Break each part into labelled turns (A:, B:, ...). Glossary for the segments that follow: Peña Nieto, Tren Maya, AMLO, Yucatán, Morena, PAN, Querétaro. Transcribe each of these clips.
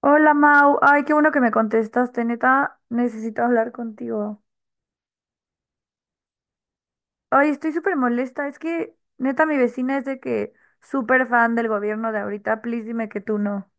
A: Hola Mau, ay, qué bueno que me contestaste, neta, necesito hablar contigo. Ay, estoy súper molesta, es que neta mi vecina es de que súper fan del gobierno de ahorita, please dime que tú no.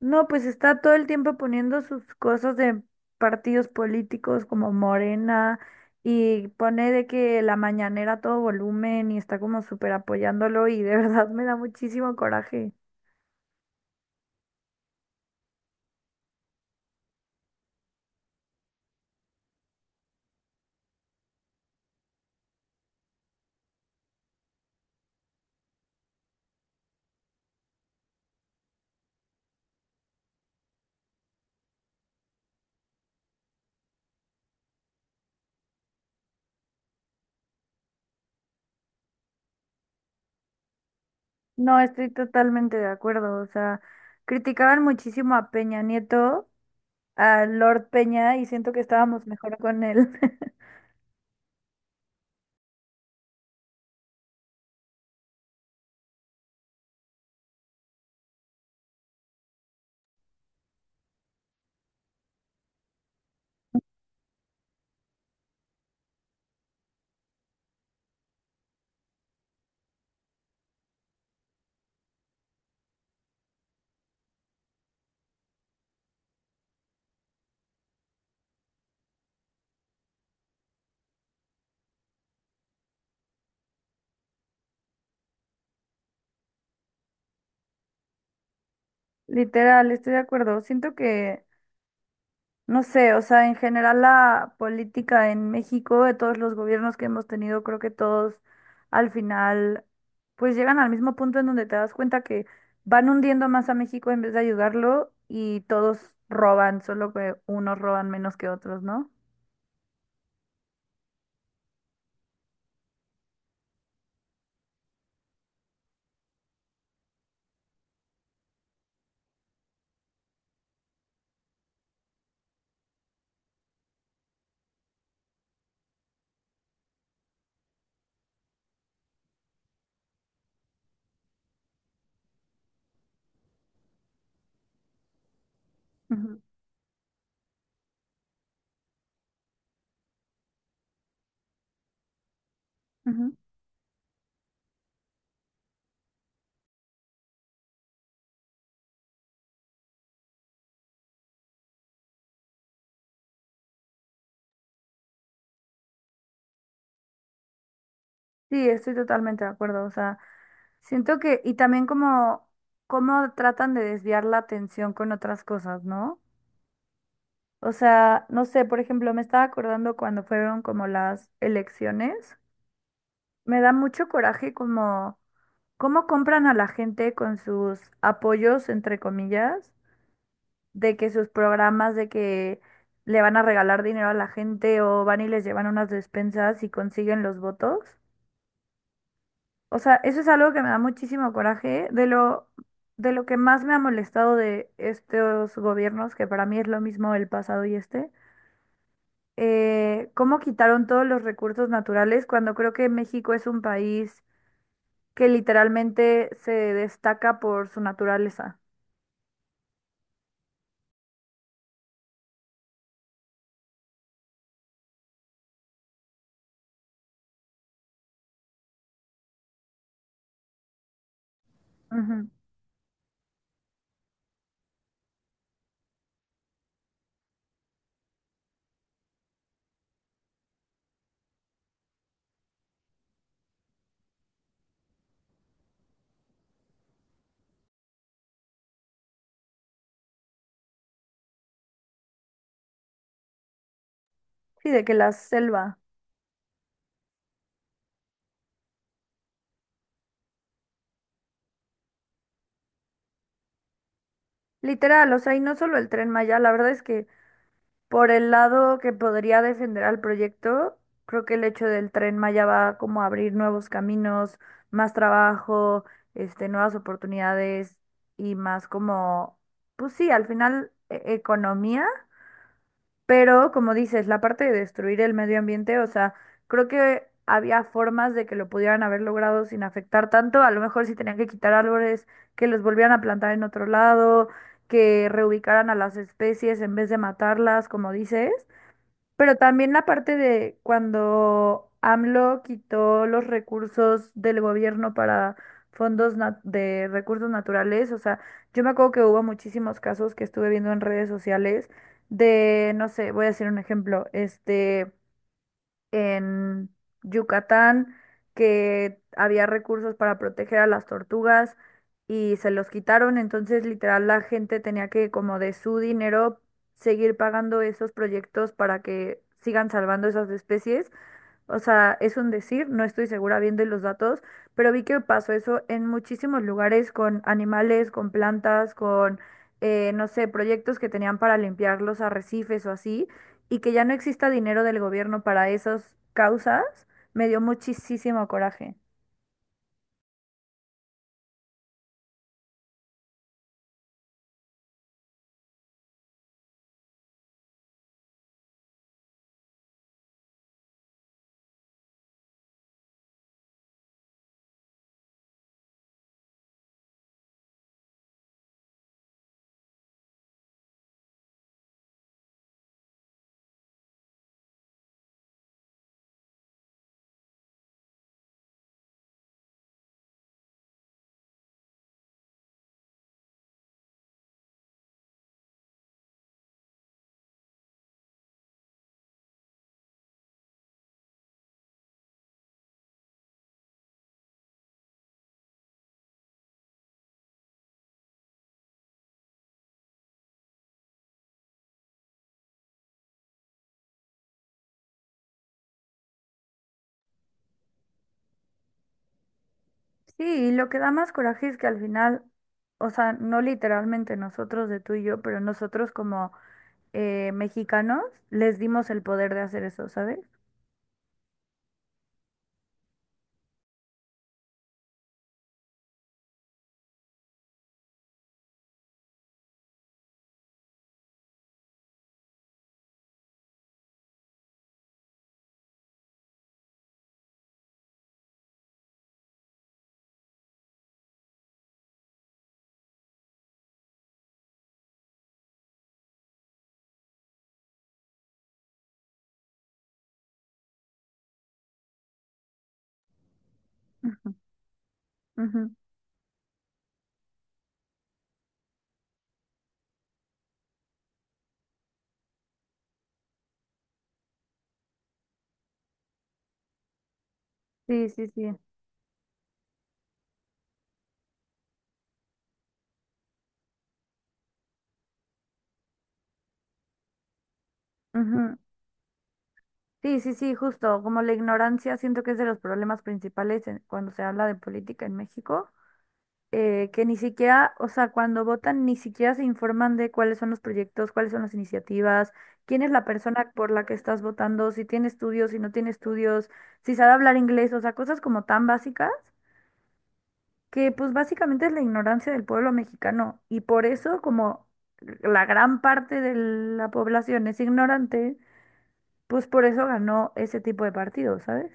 A: No, pues está todo el tiempo poniendo sus cosas de partidos políticos como Morena y pone de que la mañanera a todo volumen y está como súper apoyándolo y de verdad me da muchísimo coraje. No, estoy totalmente de acuerdo, o sea, criticaban muchísimo a Peña Nieto. A Lord Peña y siento que estábamos mejor con él. Literal, estoy de acuerdo. Siento que, no sé, o sea, en general la política en México, de todos los gobiernos que hemos tenido, creo que todos al final, pues llegan al mismo punto en donde te das cuenta que van hundiendo más a México en vez de ayudarlo y todos roban, solo que unos roban menos que otros, ¿no? Ujú, ujú. Sí, estoy totalmente de acuerdo. O sea, siento que, y también como, cómo tratan de desviar la atención con otras cosas, ¿no? O sea, no sé, por ejemplo, me estaba acordando cuando fueron como las elecciones. Me da mucho coraje como cómo compran a la gente con sus apoyos, entre comillas, de que sus programas, de que le van a regalar dinero a la gente o van y les llevan unas despensas y consiguen los votos. O sea, eso es algo que me da muchísimo coraje, de lo que más me ha molestado de estos gobiernos, que para mí es lo mismo el pasado y este, cómo quitaron todos los recursos naturales cuando creo que México es un país que literalmente se destaca por su naturaleza. Ujú. Sí, de que la selva. Literal, o sea, y no solo el Tren Maya, la verdad es que por el lado que podría defender al proyecto, creo que el hecho del Tren Maya va como a abrir nuevos caminos, más trabajo, este, nuevas oportunidades y más como, pues sí, al final economía, pero como dices, la parte de destruir el medio ambiente, o sea, creo que había formas de que lo pudieran haber logrado sin afectar tanto, a lo mejor si tenían que quitar árboles, que los volvieran a plantar en otro lado, que reubicaran a las especies en vez de matarlas, como dices. Pero también la parte de cuando AMLO quitó los recursos del gobierno para de recursos naturales, o sea, yo me acuerdo que hubo muchísimos casos que estuve viendo en redes sociales de, no sé, voy a decir un ejemplo, este en Yucatán que había recursos para proteger a las tortugas y se los quitaron, entonces literal la gente tenía que como de su dinero seguir pagando esos proyectos para que sigan salvando esas especies, o sea, es un decir, no estoy segura bien de los datos, pero vi que pasó eso en muchísimos lugares con animales, con plantas, con, no sé, proyectos que tenían para limpiar los arrecifes o así, y que ya no exista dinero del gobierno para esas causas, me dio muchísimo coraje. Sí, y lo que da más coraje es que al final, o sea, no literalmente nosotros de tú y yo, pero nosotros como mexicanos les dimos el poder de hacer eso, ¿sabes? Ujú, ujú. Sí, sí, sí. Ujú. Sí, sí, sí, justo, como la ignorancia siento que es de los problemas principales cuando se habla de política en México, que ni siquiera, o sea, cuando votan ni siquiera se informan de cuáles son los proyectos, cuáles son las iniciativas, quién es la persona por la que estás votando, si tiene estudios, si no tiene estudios, si sabe hablar inglés, o sea, cosas como tan básicas que pues básicamente es la ignorancia del pueblo mexicano y por eso como la gran parte de la población es ignorante. Pues por eso ganó ese tipo de partidos, ¿sabes?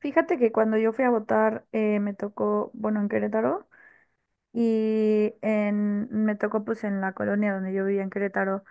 A: Fíjate que cuando yo fui a votar, me tocó, bueno, en Querétaro y en, me tocó pues en la colonia donde yo vivía en Querétaro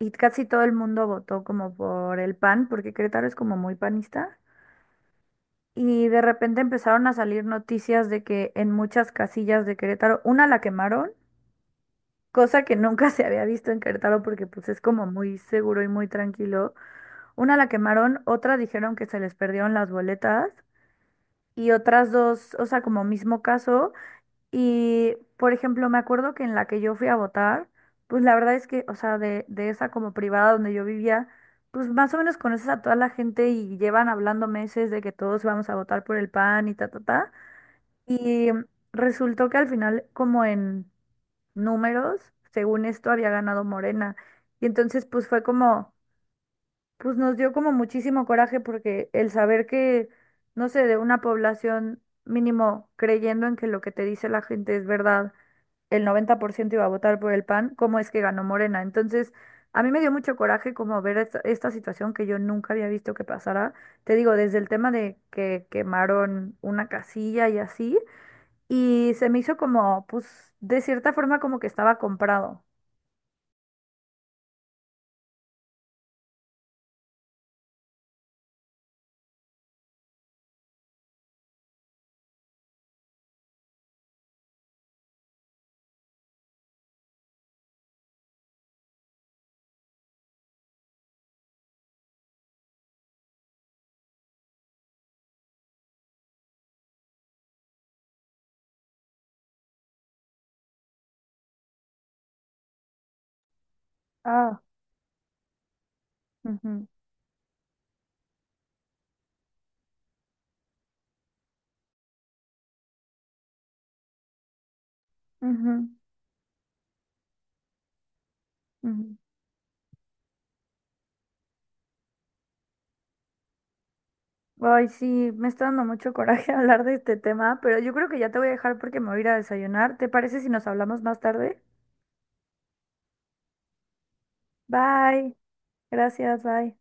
A: y casi todo el mundo votó como por el PAN, porque Querétaro es como muy panista. Y de repente empezaron a salir noticias de que en muchas casillas de Querétaro, una la quemaron, cosa que nunca se había visto en Querétaro porque pues es como muy seguro y muy tranquilo. Una la quemaron, otra dijeron que se les perdieron las boletas y otras dos, o sea, como mismo caso. Y, por ejemplo, me acuerdo que en la que yo fui a votar, pues la verdad es que, o sea, de esa como privada donde yo vivía, pues más o menos conoces a toda la gente y llevan hablando meses de que todos vamos a votar por el PAN y ta, ta, ta. Y resultó que al final, como en números, según esto, había ganado Morena. Y entonces, pues fue como pues nos dio como muchísimo coraje porque el saber que, no sé, de una población mínimo creyendo en que lo que te dice la gente es verdad, el 90% iba a votar por el PAN, ¿cómo es que ganó Morena? Entonces, a mí me dio mucho coraje como ver esta, esta situación que yo nunca había visto que pasara. Te digo, desde el tema de que quemaron una casilla y así, y se me hizo como, pues, de cierta forma como que estaba comprado. Ah, ujú, ujú, ujú. Ay, sí, me está dando mucho coraje hablar de este tema, pero yo creo que ya te voy a dejar porque me voy a ir a desayunar. ¿Te parece si nos hablamos más tarde? Bye. Gracias, bye.